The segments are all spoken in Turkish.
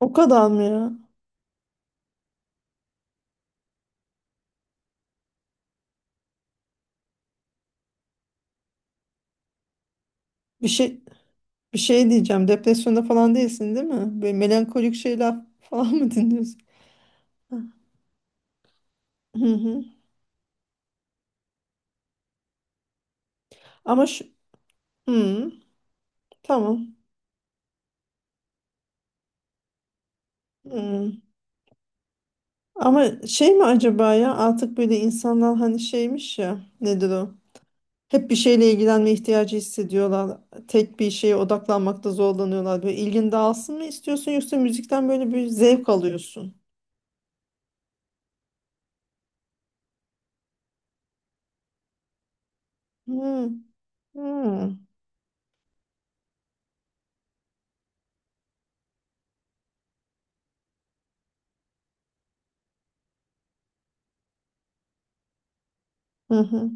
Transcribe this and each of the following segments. O kadar mı ya? Bir şey bir şey diyeceğim. Depresyonda falan değilsin, değil mi? Böyle melankolik şeyler falan mı dinliyorsun? Hı hı. Ama şu Hı, tamam. Hı. Ama şey mi acaba ya? Artık böyle insanlar hani şeymiş ya. Nedir o? Hep bir şeyle ilgilenme ihtiyacı hissediyorlar. Tek bir şeye odaklanmakta zorlanıyorlar. Böyle ilgin dağılsın mı istiyorsun yoksa müzikten böyle bir zevk alıyorsun? Hı hı. Hı hı.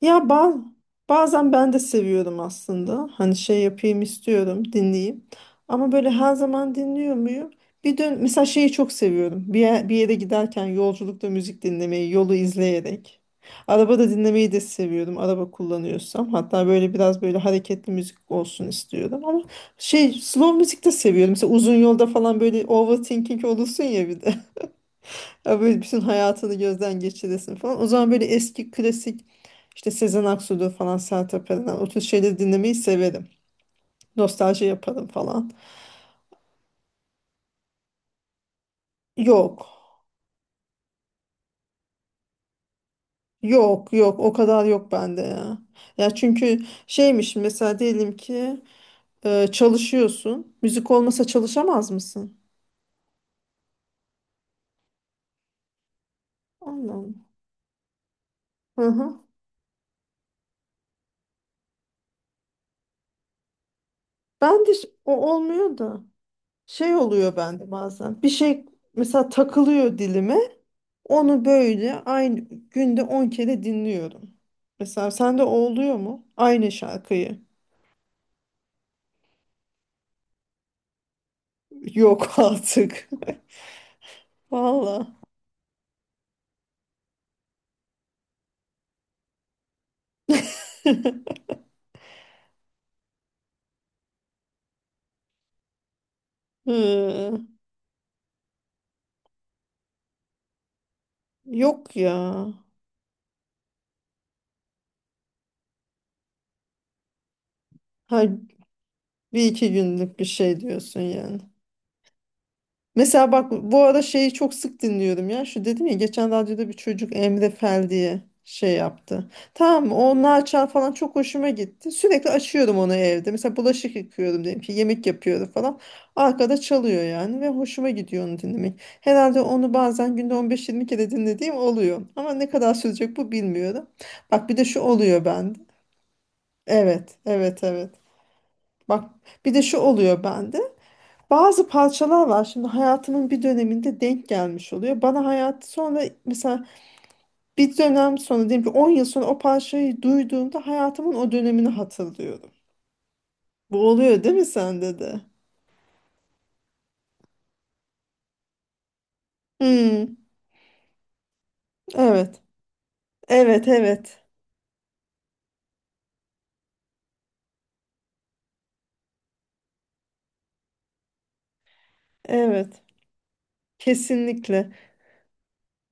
Ya bazen ben de seviyorum aslında. Hani şey yapayım istiyorum, dinleyeyim. Ama böyle her zaman dinliyor muyum? Bir dön Mesela şeyi çok seviyorum. Bir yere giderken yolculukta müzik dinlemeyi, yolu izleyerek. Arabada dinlemeyi de seviyorum. Araba kullanıyorsam. Hatta böyle biraz böyle hareketli müzik olsun istiyorum. Ama şey slow müzik de seviyorum. Mesela uzun yolda falan böyle overthinking olursun ya bir de. Ya böyle bütün hayatını gözden geçiresin falan. O zaman böyle eski klasik işte Sezen Aksu'dur falan Sertab Erener o tür şeyleri dinlemeyi severim. Nostalji yaparım falan. Yok. Yok, yok, o kadar yok bende ya. Ya çünkü şeymiş mesela diyelim ki çalışıyorsun. Müzik olmasa çalışamaz mısın? Allah Allah. Hı hı. O olmuyor da şey oluyor bende bazen. Bir şey mesela takılıyor dilime. Onu böyle aynı günde 10 kere dinliyorum. Mesela sende oluyor mu? Aynı şarkıyı. Yok artık. Valla. Hı, yok ya. Ha, bir iki günlük bir şey diyorsun yani. Mesela bak bu ara şeyi çok sık dinliyorum ya. Şu dedim ya geçen radyoda bir çocuk Emre Fel diye şey yaptı. Tamam, o Naçal falan çok hoşuma gitti. Sürekli açıyorum onu evde. Mesela bulaşık yıkıyorum diyelim ki yemek yapıyorum falan. Arkada çalıyor yani ve hoşuma gidiyor onu dinlemek. Herhalde onu bazen günde 15-20 kere dinlediğim oluyor. Ama ne kadar sürecek bu bilmiyorum. Bak bir de şu oluyor bende. Evet, evet, evet. Bak bir de şu oluyor bende. Bazı parçalar var şimdi hayatımın bir döneminde denk gelmiş oluyor. Bana hayat sonra mesela bir dönem sonra diyelim ki 10 yıl sonra o parçayı duyduğumda hayatımın o dönemini hatırlıyorum. Bu oluyor değil mi sende de? Hmm, evet. Evet, evet. Evet. Kesinlikle.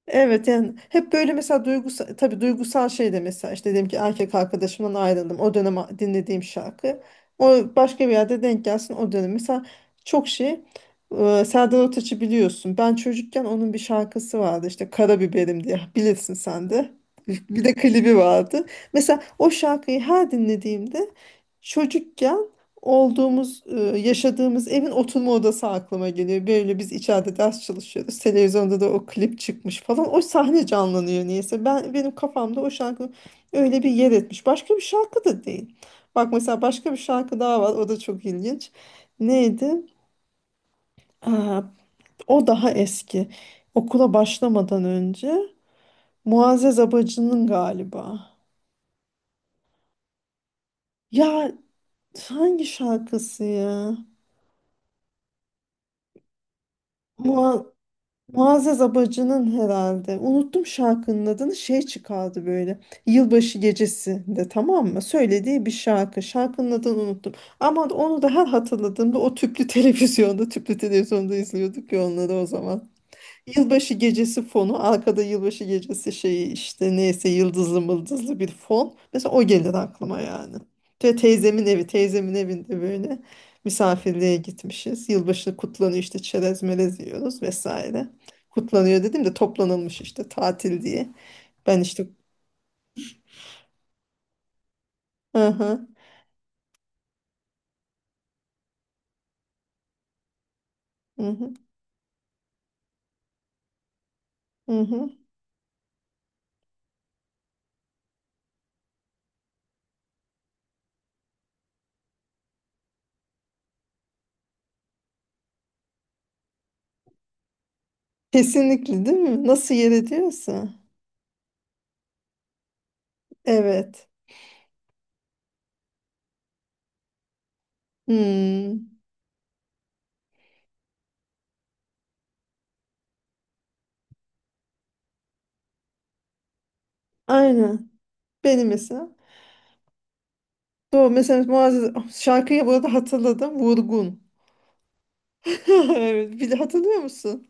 Evet yani hep böyle mesela duygusal tabii duygusal şey de mesela işte dedim ki erkek arkadaşımdan ayrıldım o dönem dinlediğim şarkı o başka bir yerde denk gelsin o dönem mesela çok şey, Serdar Ortaç'ı biliyorsun ben çocukken onun bir şarkısı vardı işte Karabiberim diye, bilirsin sen de. Bir de klibi vardı, mesela o şarkıyı her dinlediğimde çocukken olduğumuz, yaşadığımız evin oturma odası aklıma geliyor. Böyle biz içeride ders çalışıyoruz. Televizyonda da o klip çıkmış falan. O sahne canlanıyor niyeyse. Ben benim kafamda o şarkı öyle bir yer etmiş. Başka bir şarkı da değil. Bak mesela başka bir şarkı daha var. O da çok ilginç. Neydi? Aa, o daha eski. Okula başlamadan önce Muazzez Abacı'nın galiba. Ya hangi şarkısı ya? Muazzez Abacı'nın herhalde. Unuttum şarkının adını. Şey çıkardı böyle. Yılbaşı gecesinde, tamam mı? Söylediği bir şarkı. Şarkının adını unuttum. Ama onu da her hatırladığımda o tüplü televizyonda, tüplü televizyonda izliyorduk ya onları o zaman. Yılbaşı gecesi fonu arkada, yılbaşı gecesi şeyi işte, neyse, yıldızlı mıldızlı bir fon. Mesela o gelir aklıma yani. Ve teyzemin evinde böyle misafirliğe gitmişiz. Yılbaşı kutlanıyor işte, çerez melez yiyoruz vesaire. Kutlanıyor dedim de, toplanılmış işte tatil diye. Ben işte Hı hı, hı hı. Hı hı. Kesinlikle değil mi? Nasıl yer ediyorsa. Evet. Hmm. Aynen. Benim mesela. Doğru. Mesela Muazzez şarkıyı bu arada hatırladım. Vurgun. Evet. Bir de hatırlıyor musun?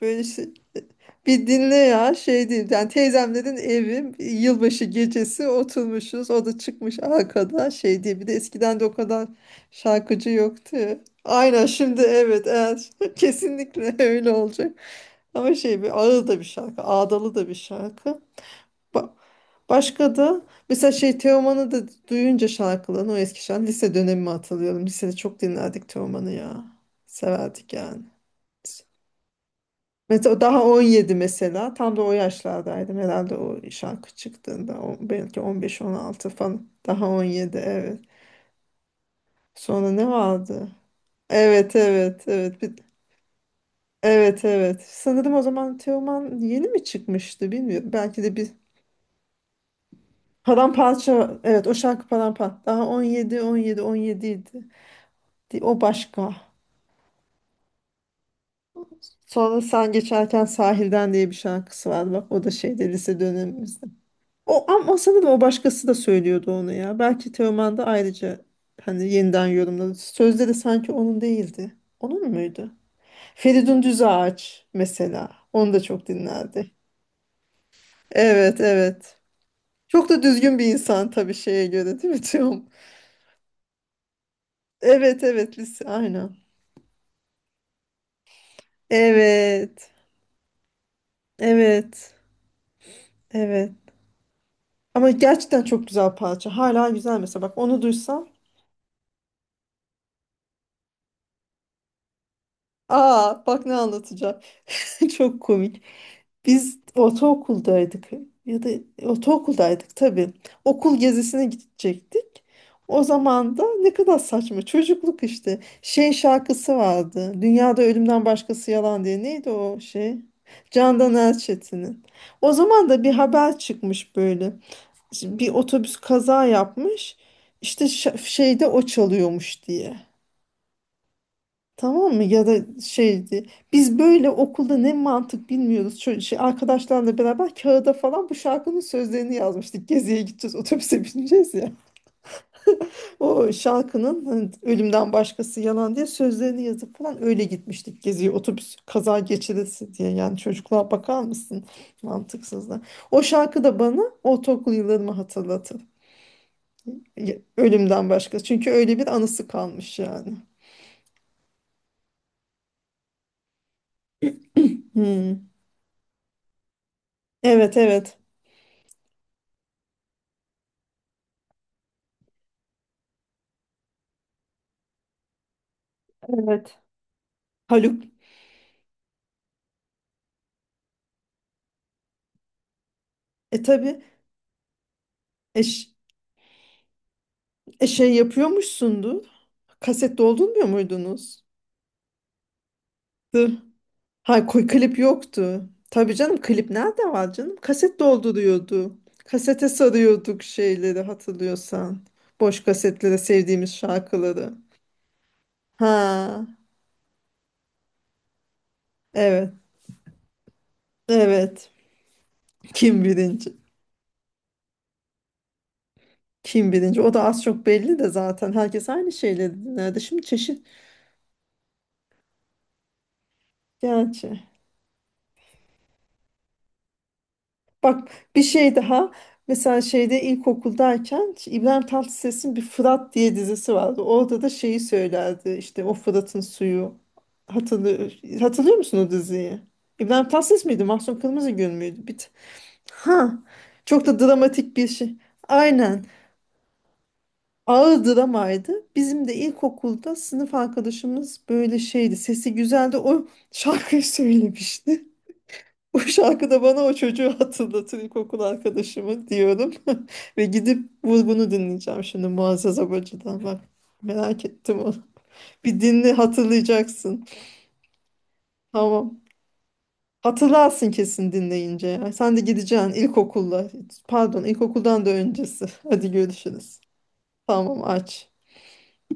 Böyle şey. Bir dinle ya, şey değil. Yani teyzemlerin evi, yılbaşı gecesi oturmuşuz. O da çıkmış arkada şey diye. Bir de eskiden de o kadar şarkıcı yoktu ya. Aynen şimdi, evet, evet. Kesinlikle öyle olacak. Ama şey, bir ağır da bir şarkı. Ağdalı da bir şarkı. Ba- Başka da mesela şey Teoman'ı da duyunca şarkılarını, o eski şarkı lise dönemimi hatırlıyorum. Lisede çok dinlerdik Teoman'ı ya. Severdik yani. Mesela daha 17, mesela tam da o yaşlardaydım herhalde o şarkı çıktığında. Belki 15-16 falan, daha 17, evet. Sonra ne vardı? Evet, evet, evet. Evet, evet, sanırım o zaman Teoman yeni mi çıkmıştı bilmiyorum, belki de bir. Paramparça. Evet, o şarkı paramparça. Daha 17, 17, 17 idi. O başka. Sonra Sen Geçerken Sahilden diye bir şarkısı var. Bak o da şeyde, lise dönemimizde. O, ama sanırım o başkası da söylüyordu onu ya. Belki Teoman da ayrıca hani yeniden yorumladı. Sözleri sanki onun değildi. Onun muydu? Feridun Düzağaç mesela. Onu da çok dinlerdi. Evet, evet. Çok da düzgün bir insan tabii, şeye göre, değil mi Teoman? Evet, evet, lise, aynen. Evet. Evet. Evet. Ama gerçekten çok güzel parça. Hala güzel mesela. Bak onu duysam. Aa bak ne anlatacağım. Çok komik. Biz ortaokuldaydık. Ya da ortaokuldaydık tabii. Okul gezisine gidecektik. O zaman da ne kadar saçma. Çocukluk işte. Şey şarkısı vardı. Dünyada ölümden başkası yalan diye. Neydi o şey? Candan Erçetin'in. O zaman da bir haber çıkmış böyle. Şimdi bir otobüs kaza yapmış. İşte şeyde o çalıyormuş diye. Tamam mı? Ya da şeydi. Biz böyle okulda, ne mantık bilmiyoruz. Şey, arkadaşlarla beraber kağıda falan bu şarkının sözlerini yazmıştık. Geziye gideceğiz, otobüse bineceğiz ya. O şarkının hani, ölümden başkası yalan diye sözlerini yazıp falan öyle gitmiştik geziye. Otobüs kaza geçirisi diye. Yani çocukluğa bakar mısın? Mantıksızlar. O şarkı da bana ortaokul yıllarımı hatırlatır. Ölümden başka. Çünkü öyle bir anısı kalmış yani. Hmm. Evet, evet. Evet. Haluk tabii eş, şey yapıyormuşsundu. Kaset doldurmuyor muydunuz? Dur. Ha, klip yoktu. Tabii canım, klip nerede var canım? Kaset dolduruyordu. Kasete sarıyorduk şeyleri, hatırlıyorsan. Boş kasetlere sevdiğimiz şarkıları. Ha, evet. Evet. Kim birinci? Kim birinci? O da az çok belli de zaten. Herkes aynı şeyleri dinlerdi. Şimdi çeşit, gerçi. Bak bir şey daha. Mesela şeyde ilkokuldayken İbrahim Tatlıses'in bir Fırat diye dizisi vardı. Orada da şeyi söylerdi. İşte o Fırat'ın suyu. Hatırlıyor, hatırlıyor musun o diziyi? İbrahim Tatlıses miydi? Mahsun Kırmızıgül müydü? Bir... Ha. Çok da dramatik bir şey. Aynen. Ağır dramaydı. Bizim de ilkokulda sınıf arkadaşımız böyle şeydi. Sesi güzeldi. O şarkıyı söylemişti. O şarkı da bana o çocuğu hatırlatır, ilkokul arkadaşımı diyorum. Ve gidip vur bunu dinleyeceğim şimdi Muazzez Abacı'dan, bak. Merak ettim onu. Bir dinle, hatırlayacaksın. Tamam. Hatırlarsın kesin dinleyince ya. Sen de gideceksin ilkokulla. Pardon, ilkokuldan da öncesi. Hadi görüşürüz. Tamam, aç.